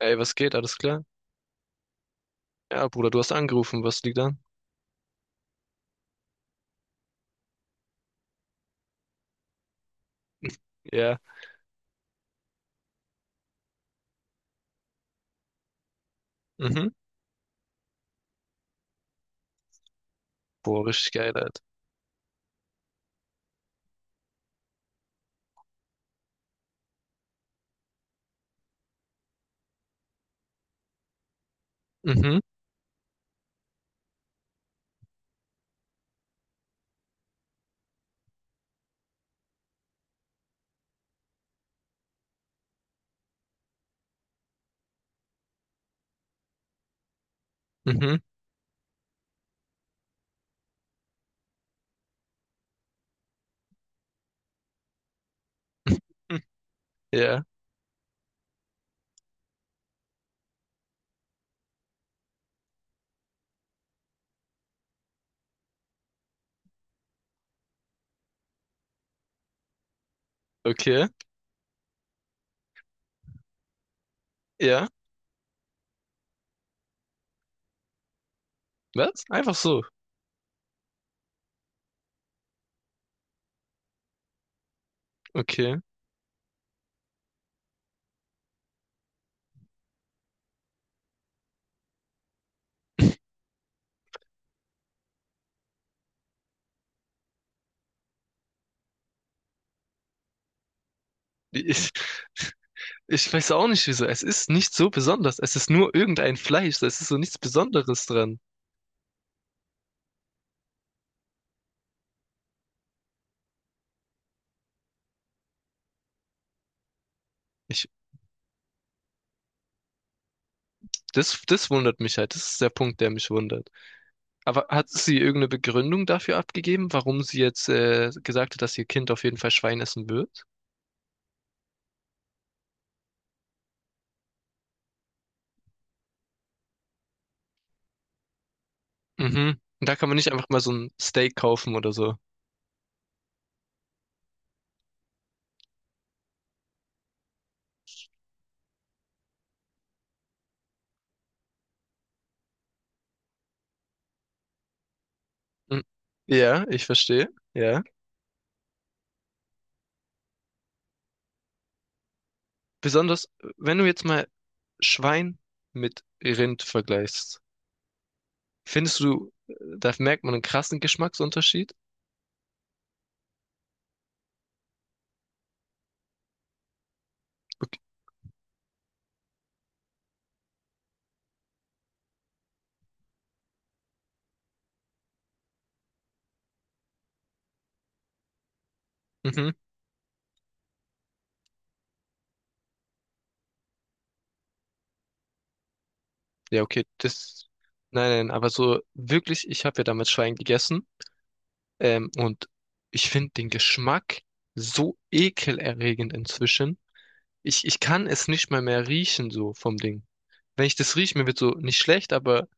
Ey, was geht? Alles klar? Ja, Bruder, du hast angerufen. Was liegt an? Ja. Mhm. Boah, richtig geil, Alter. Mhm. Mhm. Hm. Ja. Okay. Ja. Was? Einfach so. Okay. Ich, ich weiß auch nicht wieso. Es ist nicht so besonders. Es ist nur irgendein Fleisch. Es ist so nichts Besonderes dran. Ich, das wundert mich halt. Das ist der Punkt, der mich wundert. Aber hat sie irgendeine Begründung dafür abgegeben, warum sie jetzt gesagt hat, dass ihr Kind auf jeden Fall Schwein essen wird? Mhm. Und da kann man nicht einfach mal so ein Steak kaufen oder so. Mm, ja, ich verstehe. Ja. Besonders, wenn du jetzt mal Schwein mit Rind vergleichst, findest du, da merkt man einen krassen Geschmacksunterschied? Mhm. Ja, okay, das. Nein, nein, aber so wirklich, ich habe ja damals Schwein gegessen. Und ich finde den Geschmack so ekelerregend inzwischen. Ich kann es nicht mal mehr riechen, so vom Ding. Wenn ich das rieche, mir wird so nicht schlecht, aber.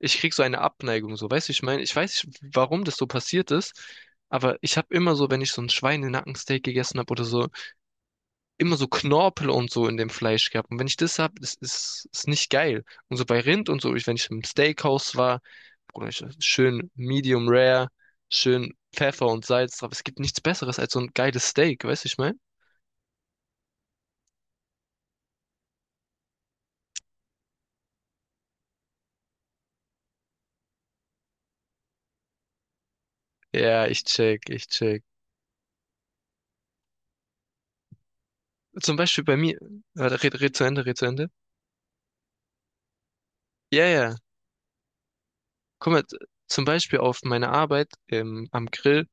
Ich krieg so eine Abneigung, so, weißt du, ich meine, ich weiß nicht, warum das so passiert ist, aber ich habe immer so, wenn ich so ein Schweinenackensteak gegessen habe oder so, immer so Knorpel und so in dem Fleisch gehabt. Und wenn ich das hab, das ist nicht geil. Und so bei Rind und so, wenn ich im Steakhouse war, Bruder, schön Medium Rare, schön Pfeffer und Salz drauf. Es gibt nichts Besseres als so ein geiles Steak, weißt du, ich meine? Ja, ich check, ich check. Zum Beispiel bei mir, warte, red, red zu Ende, red zu Ende. Ja, ja. Guck mal, zum Beispiel auf meiner Arbeit am Grill,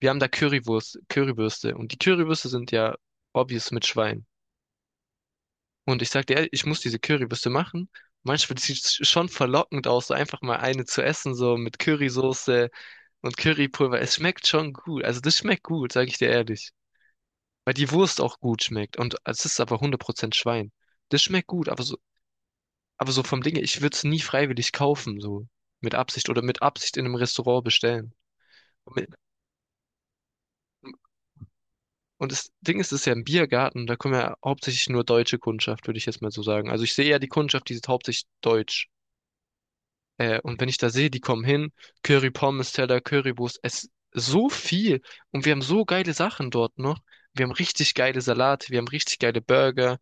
wir haben da Currywurst, Currywürste und die Currywürste sind ja obvious mit Schwein. Und ich sagte, ehrlich, ich muss diese Currywürste machen. Manchmal sieht es schon verlockend aus, so einfach mal eine zu essen, so mit Currysoße und Currypulver. Es schmeckt schon gut. Also das schmeckt gut, sage ich dir ehrlich. Weil die Wurst auch gut schmeckt. Und es ist aber 100% Schwein. Das schmeckt gut, aber so vom Ding her, ich würde es nie freiwillig kaufen, so mit Absicht oder mit Absicht in einem Restaurant bestellen. Und das Ding ist, es ist ja ein Biergarten, da kommen ja hauptsächlich nur deutsche Kundschaft, würde ich jetzt mal so sagen. Also ich sehe ja die Kundschaft, die ist hauptsächlich deutsch. Und wenn ich da sehe, die kommen hin, Curry Pommes Teller, Currywurst, es so viel. Und wir haben so geile Sachen dort noch. Wir haben richtig geile Salate, wir haben richtig geile Burger,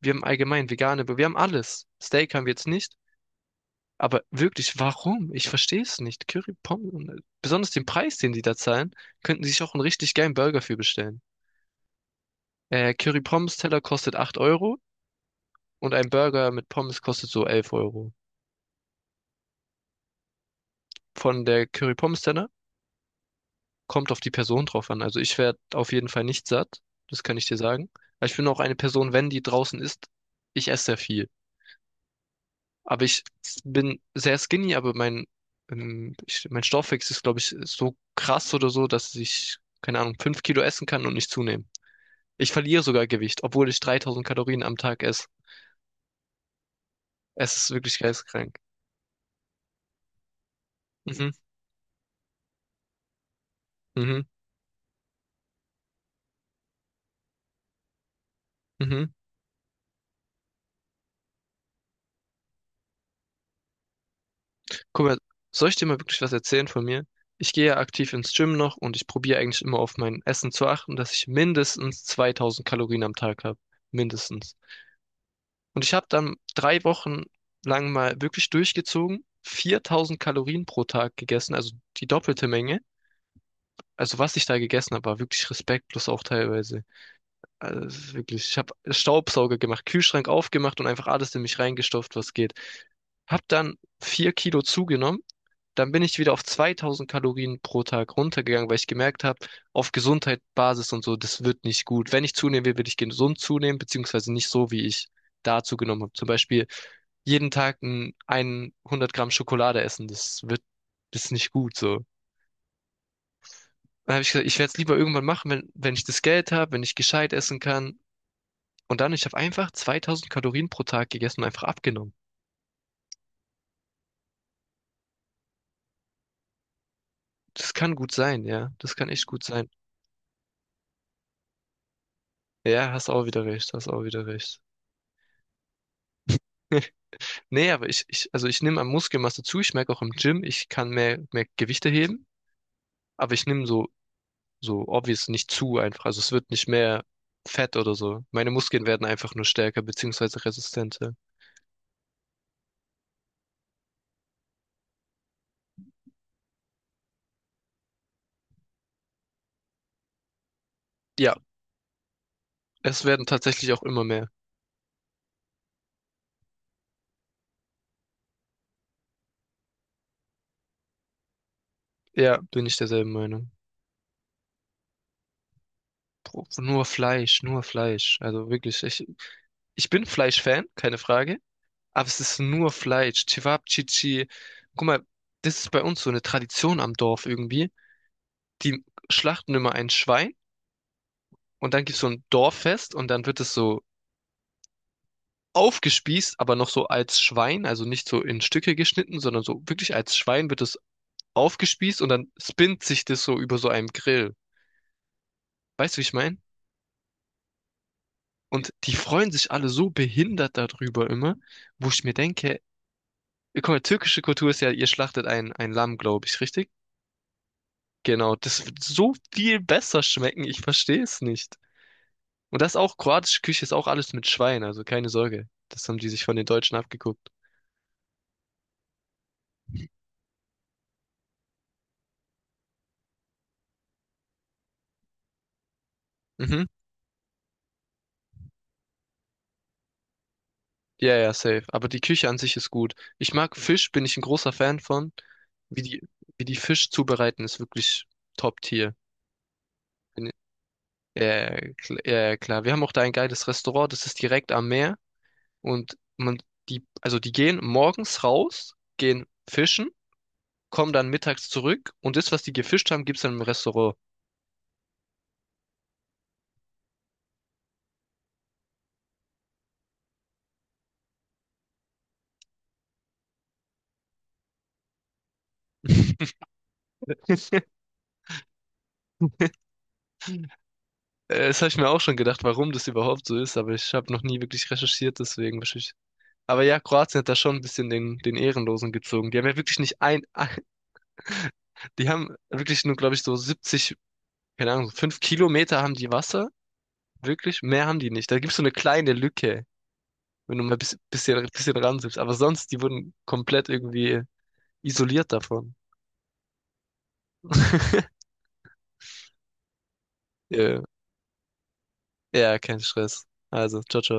wir haben allgemein vegane, wir haben alles. Steak haben wir jetzt nicht. Aber wirklich, warum? Ich verstehe es nicht. Curry Pommes, besonders den Preis, den die da zahlen, könnten sie sich auch einen richtig geilen Burger für bestellen. Curry Pommes Teller kostet 8 Euro. Und ein Burger mit Pommes kostet so 11 Euro. Von der Curry Pommes Tenne kommt auf die Person drauf an. Also ich werde auf jeden Fall nicht satt, das kann ich dir sagen. Aber ich bin auch eine Person, wenn die draußen ist, ich esse sehr viel. Aber ich bin sehr skinny, aber mein Stoffwechsel ist, glaube ich, so krass oder so, dass ich, keine Ahnung, 5 Kilo essen kann und nicht zunehmen. Ich verliere sogar Gewicht, obwohl ich 3000 Kalorien am Tag esse. Es ist wirklich geisteskrank. Mhm, mhm, mhm. Guck mal, soll ich dir mal wirklich was erzählen von mir? Ich gehe ja aktiv ins Gym noch und ich probiere eigentlich immer auf mein Essen zu achten, dass ich mindestens 2000 Kalorien am Tag habe. Mindestens. Und ich habe dann 3 Wochen lang mal wirklich durchgezogen, 4000 Kalorien pro Tag gegessen, also die doppelte Menge. Also was ich da gegessen habe, war wirklich respektlos auch teilweise. Also es ist wirklich, ich habe Staubsauger gemacht, Kühlschrank aufgemacht und einfach alles in mich reingestopft, was geht. Hab dann 4 Kilo zugenommen. Dann bin ich wieder auf 2000 Kalorien pro Tag runtergegangen, weil ich gemerkt habe, auf Gesundheit, Basis und so, das wird nicht gut. Wenn ich zunehmen will, will ich gesund zunehmen, beziehungsweise nicht so, wie ich da zugenommen habe. Zum Beispiel jeden Tag ein 100 Gramm Schokolade essen, das wird, das ist nicht gut so. Dann habe ich gesagt, ich werde es lieber irgendwann machen, wenn ich das Geld habe, wenn ich gescheit essen kann. Und dann, ich habe einfach 2000 Kalorien pro Tag gegessen und einfach abgenommen. Das kann gut sein, ja. Das kann echt gut sein. Ja, hast auch wieder recht, hast auch wieder recht. Nee, aber also ich nehme an Muskelmasse zu. Ich merke auch im Gym, ich kann mehr Gewichte heben, aber ich nehme so, so obvious nicht zu einfach. Also es wird nicht mehr fett oder so. Meine Muskeln werden einfach nur stärker beziehungsweise resistenter. Ja, es werden tatsächlich auch immer mehr. Ja, bin ich derselben Meinung. Bro, nur Fleisch, nur Fleisch. Also wirklich, ich bin Fleisch-Fan, keine Frage, aber es ist nur Fleisch. Cevapcici. Guck mal, das ist bei uns so eine Tradition am Dorf irgendwie. Die schlachten immer ein Schwein. Und dann gibt's so ein Dorffest und dann wird es so aufgespießt, aber noch so als Schwein, also nicht so in Stücke geschnitten, sondern so wirklich als Schwein wird es aufgespießt und dann spinnt sich das so über so einem Grill. Weißt du, wie ich meine? Und die freuen sich alle so behindert darüber immer, wo ich mir denke, guck mal, türkische Kultur ist ja, ihr schlachtet ein Lamm, glaube ich, richtig? Genau, das wird so viel besser schmecken, ich verstehe es nicht. Und das auch, kroatische Küche ist auch alles mit Schwein, also keine Sorge. Das haben die sich von den Deutschen abgeguckt. Mhm. Ja, ja, safe. Aber die Küche an sich ist gut. Ich mag Fisch, bin ich ein großer Fan von. Wie die, wie die Fisch zubereiten, ist wirklich Top-Tier. Bin- Ja, ja, ja, ja, ja, klar. Wir haben auch da ein geiles Restaurant, das ist direkt am Meer. Und man, die, also die gehen morgens raus, gehen fischen, kommen dann mittags zurück und das, was die gefischt haben, gibt's dann im Restaurant. Das habe ich mir auch schon gedacht, warum das überhaupt so ist, aber ich habe noch nie wirklich recherchiert, deswegen. Aber ja, Kroatien hat da schon ein bisschen den Ehrenlosen gezogen. Die haben ja wirklich nicht ein, die haben wirklich nur, glaube ich, so 70, keine Ahnung, 5 Kilometer haben die Wasser. Wirklich, mehr haben die nicht. Da gibt's so eine kleine Lücke, wenn du mal ein bisschen, bisschen, bisschen ranzoomst. Aber sonst, die wurden komplett irgendwie isoliert davon. Ja, ja, kein Stress. Also, ciao, ciao.